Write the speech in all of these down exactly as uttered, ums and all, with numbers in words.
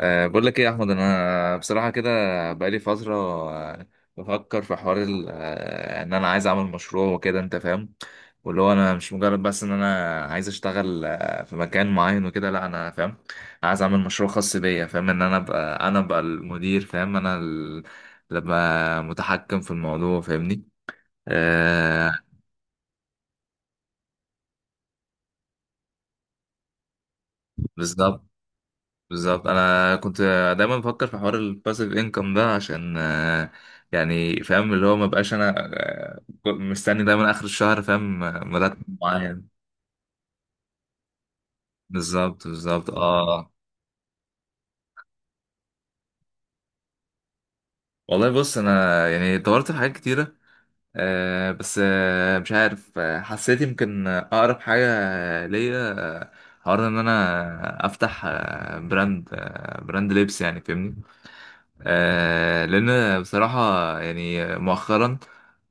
أه، بقول لك ايه يا احمد، انا بصراحه كده بقالي فتره. آه، بفكر في حوار ال- آه، ان انا عايز اعمل مشروع وكده، انت فاهم؟ واللي هو انا مش مجرد بس ان انا عايز اشتغل آه، في مكان معين وكده، لا انا فاهم. عايز اعمل مشروع خاص بيا، فاهم؟ ان انا ابقى انا ابقى المدير، فاهم؟ انا ال- اللي ابقى متحكم في الموضوع، فاهمني؟ أه. بالظبط بالظبط، انا كنت دايما بفكر في حوار الباسيف انكم ده، عشان آه، يعني فاهم اللي هو ما بقاش انا آه، مستني دايما اخر الشهر، فاهم؟ آه، مرتب معين. بالظبط بالظبط، اه. والله بص، انا يعني دورت في حاجات كتيره آه بس آه مش عارف، آه، حسيت يمكن اقرب حاجه آه، ليا آه، حوار ان انا افتح آه، براند آه، براند لبس، يعني فاهمني؟ آه لان بصراحه يعني مؤخرا،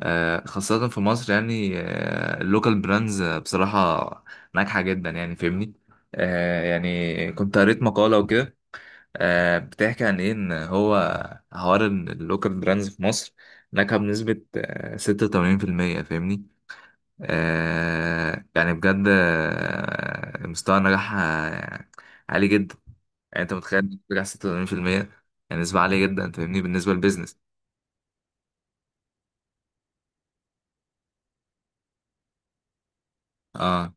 آه، خاصة في مصر، يعني آه، اللوكال براندز آه، بصراحة ناجحة جدا، يعني فاهمني؟ آه، يعني كنت قريت مقالة وكده آه، بتحكي عن ايه، ان هو حوار ان اللوكال براندز في مصر ناجحة بنسبة آه، ستة وتمانين في المية، فاهمني؟ آه، يعني بجد آه، مستوى النجاح آه، عالي جدا. يعني انت متخيل نجاح ستة وتمانين في المية؟ يعني نسبة عالية جدا، فاهمني؟ بالنسبة للبيزنس. اه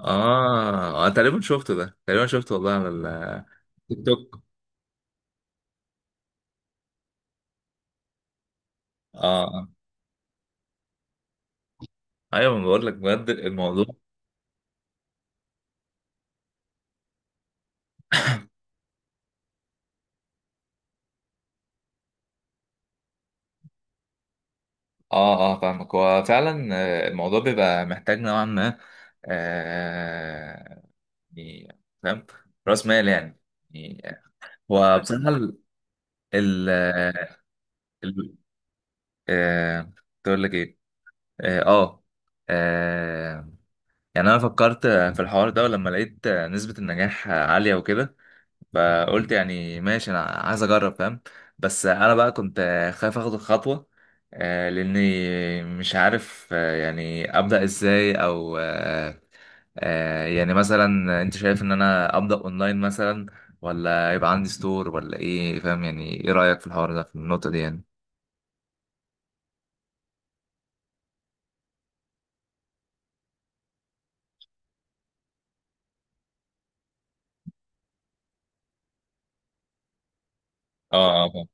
اه، انا تقريبا شفته، ده تقريبا شفته والله، على التيك توك. اه آه. ايوه، ما بقول لك بجد الموضوع. اه اه، فاهمك، هو فعلا آه، الموضوع بيبقى محتاج نوعا ما آه يعني فاهم، راس مال يعني يعني هو بصراحه ال ال ال- آه تقول لك ايه، اه آه. آه، يعني انا فكرت في الحوار ده، ولما لقيت نسبة النجاح عالية وكده فقلت يعني ماشي، انا عايز اجرب، فاهم؟ بس انا بقى كنت خايف اخد الخطوه، آه، لاني مش عارف آه، يعني ابدا ازاي، او آه، آه، يعني مثلا انت شايف ان انا ابدا اونلاين مثلا، ولا يبقى عندي ستور ولا ايه، فاهم؟ يعني ايه رايك في الحوار ده، في النقطه دي؟ يعني اه اه فاهم،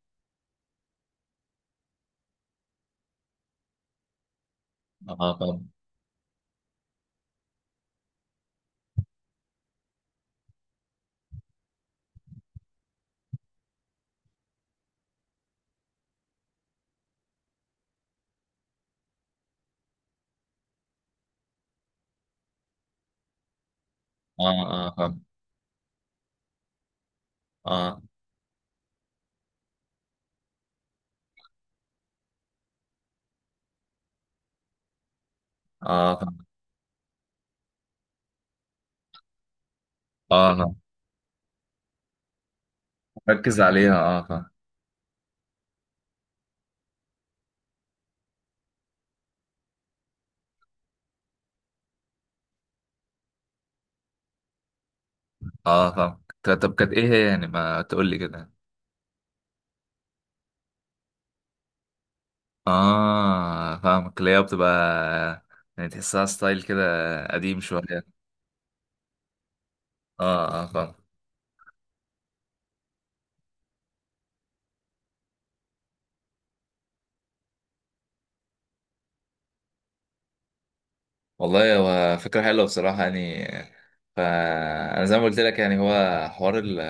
اه فاهم، اه اه فاهم، اه اه فاهم، اه فاهم، ركز عليها. اه فاهم، اه فاهم. طب طب، كانت ايه هي يعني؟ ما تقول لي كده. اه فاهمك، اللي هي بتبقى يعني، تحسها ستايل كده قديم شوية. اه اه فاهم. والله هو فكرة حلوة بصراحة، يعني فأنا زي ما قلت لك يعني هو حوار ال-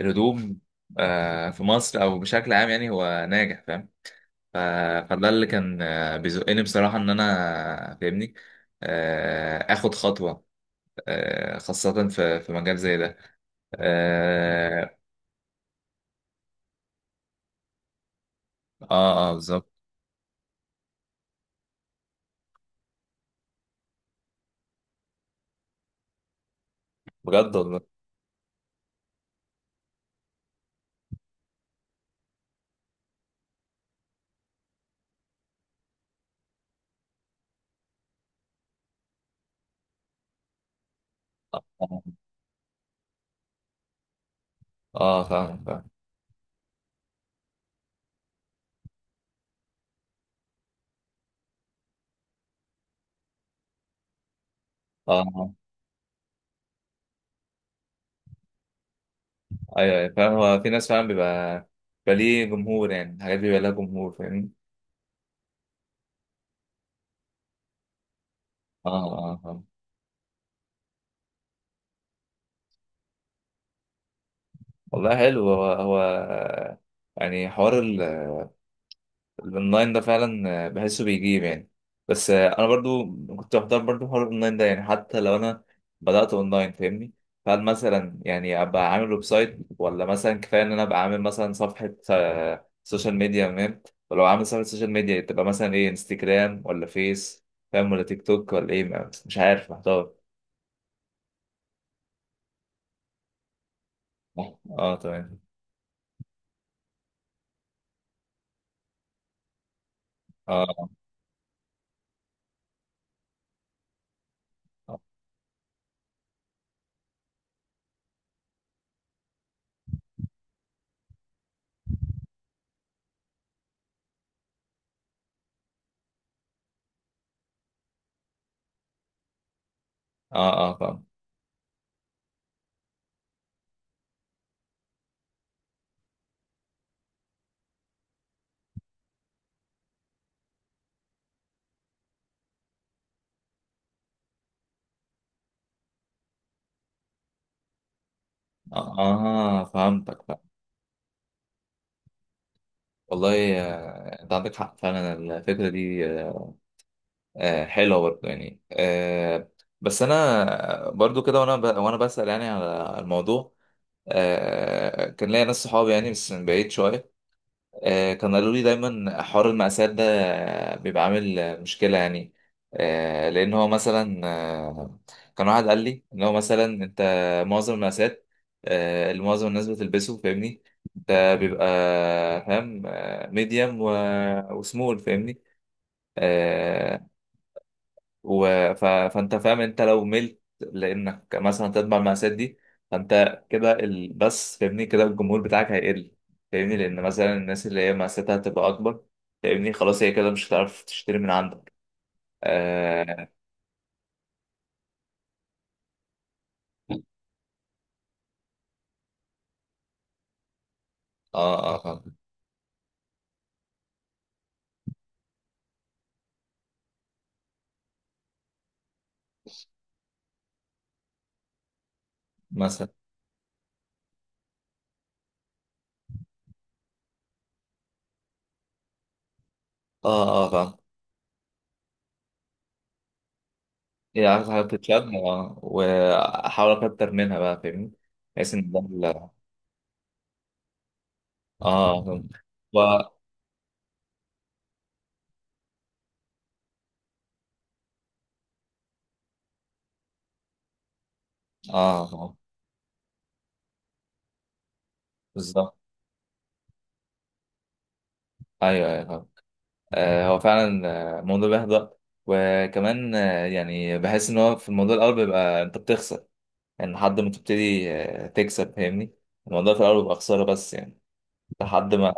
الهدوم آه في مصر أو بشكل عام، يعني هو ناجح، فاهم؟ ف- فده اللي كان آه، بيزقني بصراحة، إن أنا فاهمني، آه، آخد خطوة آه، خاصة في في مجال زي ده، اه اه آه، بالظبط. بجد والله. اه فاهم فاهم اه. ايوه أيوة، فاهم. هو في ناس فعلا بيبقى بيبقى ليه جمهور، يعني الحاجات دي بيبقى لها جمهور، فاهمني؟ اه اه آه. والله حلو. هو هو يعني حوار الاونلاين ده فعلا آه، بحسه بيجيب يعني. بس آه، انا برضو كنت بحضر برضو حوار الاونلاين ده، يعني حتى لو انا بدأت اونلاين، فاهمني؟ فهل مثلا يعني ابقى عامل ويب سايت، ولا مثلا كفايه ان انا ابقى عامل مثلا صفحه آه، سوشيال ميديا، فاهم؟ ولو عامل صفحه سوشيال ميديا تبقى مثلا ايه، انستجرام ولا فيس، فاهم؟ ولا تيك توك، ولا ايه؟ ما- مش عارف، محتار. اه تمام. اه اه اه آه، فاهم. اه آه، فهمتك، فاهم. والله آه، انت عندك حق فعلا. الفكره دي آه، آه، حلوة برضه، يعني آه، بس أنا برضه كده، وأنا ب... وأنا بسأل يعني على الموضوع. آه، كان ليا ناس صحابي يعني، بس من بعيد شوية، آه، كانوا قالوا لي دايما حوار المقاسات ده آه، بيبقى عامل مشكلة، يعني آه، لأن هو مثلا، آه، كان واحد قال لي إن هو مثلا أنت معظم المقاسات آه، اللي معظم الناس بتلبسه، فاهمني؟ أنت بيبقى فاهم ميديوم وسمول، فاهمني؟ آه، و... ف... فانت فاهم، انت لو ملت لانك مثلا تتبع المقاسات دي، فانت كده ال... بس فاهمني كده، الجمهور بتاعك هيقل، فاهمني؟ لان مثلا الناس اللي هي مقاساتها هتبقى اكبر، فاهمني؟ خلاص هي كده مش هتعرف تشتري من عندك. اه اه، آه فاهم. مثلا اه اه آه، فاهم. هي عايزة حاجة تتشاف. اه، واحاول اكتر منها بقى، فاهمني؟ بحيث ان ده ال- اه فاهم. و... اه فاهم. بالظبط. ايوه ايوه آه، هو فعلا آه، موضوع بيحبط. وكمان آه، يعني بحس ان هو في الموضوع الاول بيبقى انت بتخسر، يعني لحد ما تبتدي آه، تكسب، فاهمني؟ الموضوع في الاول بيبقى خساره، بس يعني لحد ما...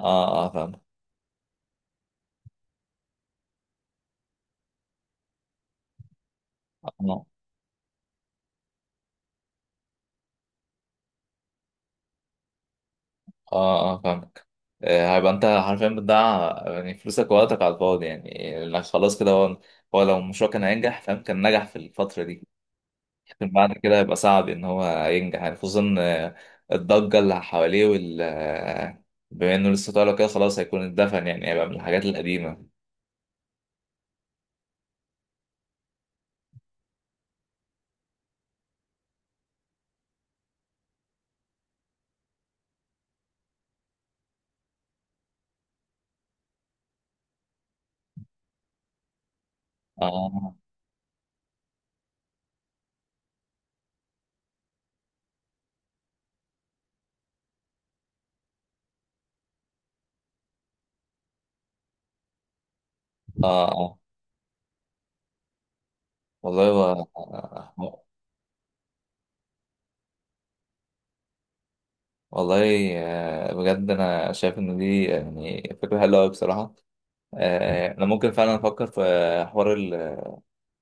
اه اه فاهمك. اه اه آه، فاهمك، آه، هيبقى انت حرفيا بتضيع يعني فلوسك ووقتك على الفاضي، يعني لأن خلاص كده هو هو لو المشروع كان هينجح، فاهم؟ كان نجح في الفتره دي. بعد كده هيبقى صعب ان هو ينجح، يعني خصوصا آه، الضجه اللي حواليه وال آه، بما انه لسه طالع كده، خلاص هيكون اتدفن، يعني هيبقى من الحاجات القديمه. اه اه اه والله. و... آه، والله آه، بجد، انا شايف ان دي يعني فكره حلوه قوي بصراحه. آه، انا ممكن فعلا افكر في حوار ان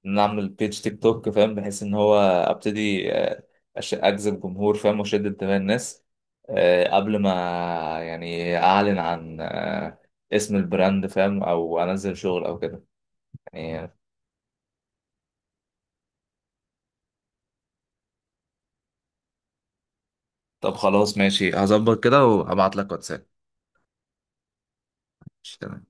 أنا اعمل بيج تيك توك، فاهم؟ بحيث ان هو ابتدي آه، أش- اجذب جمهور، فاهم؟ واشد انتباه الناس آه، قبل ما يعني اعلن عن آه، اسم البراند، فاهم؟ او انزل شغل او كده، يعني. طب خلاص ماشي، هظبط كده وابعت لك واتساب. ماشي، تمام.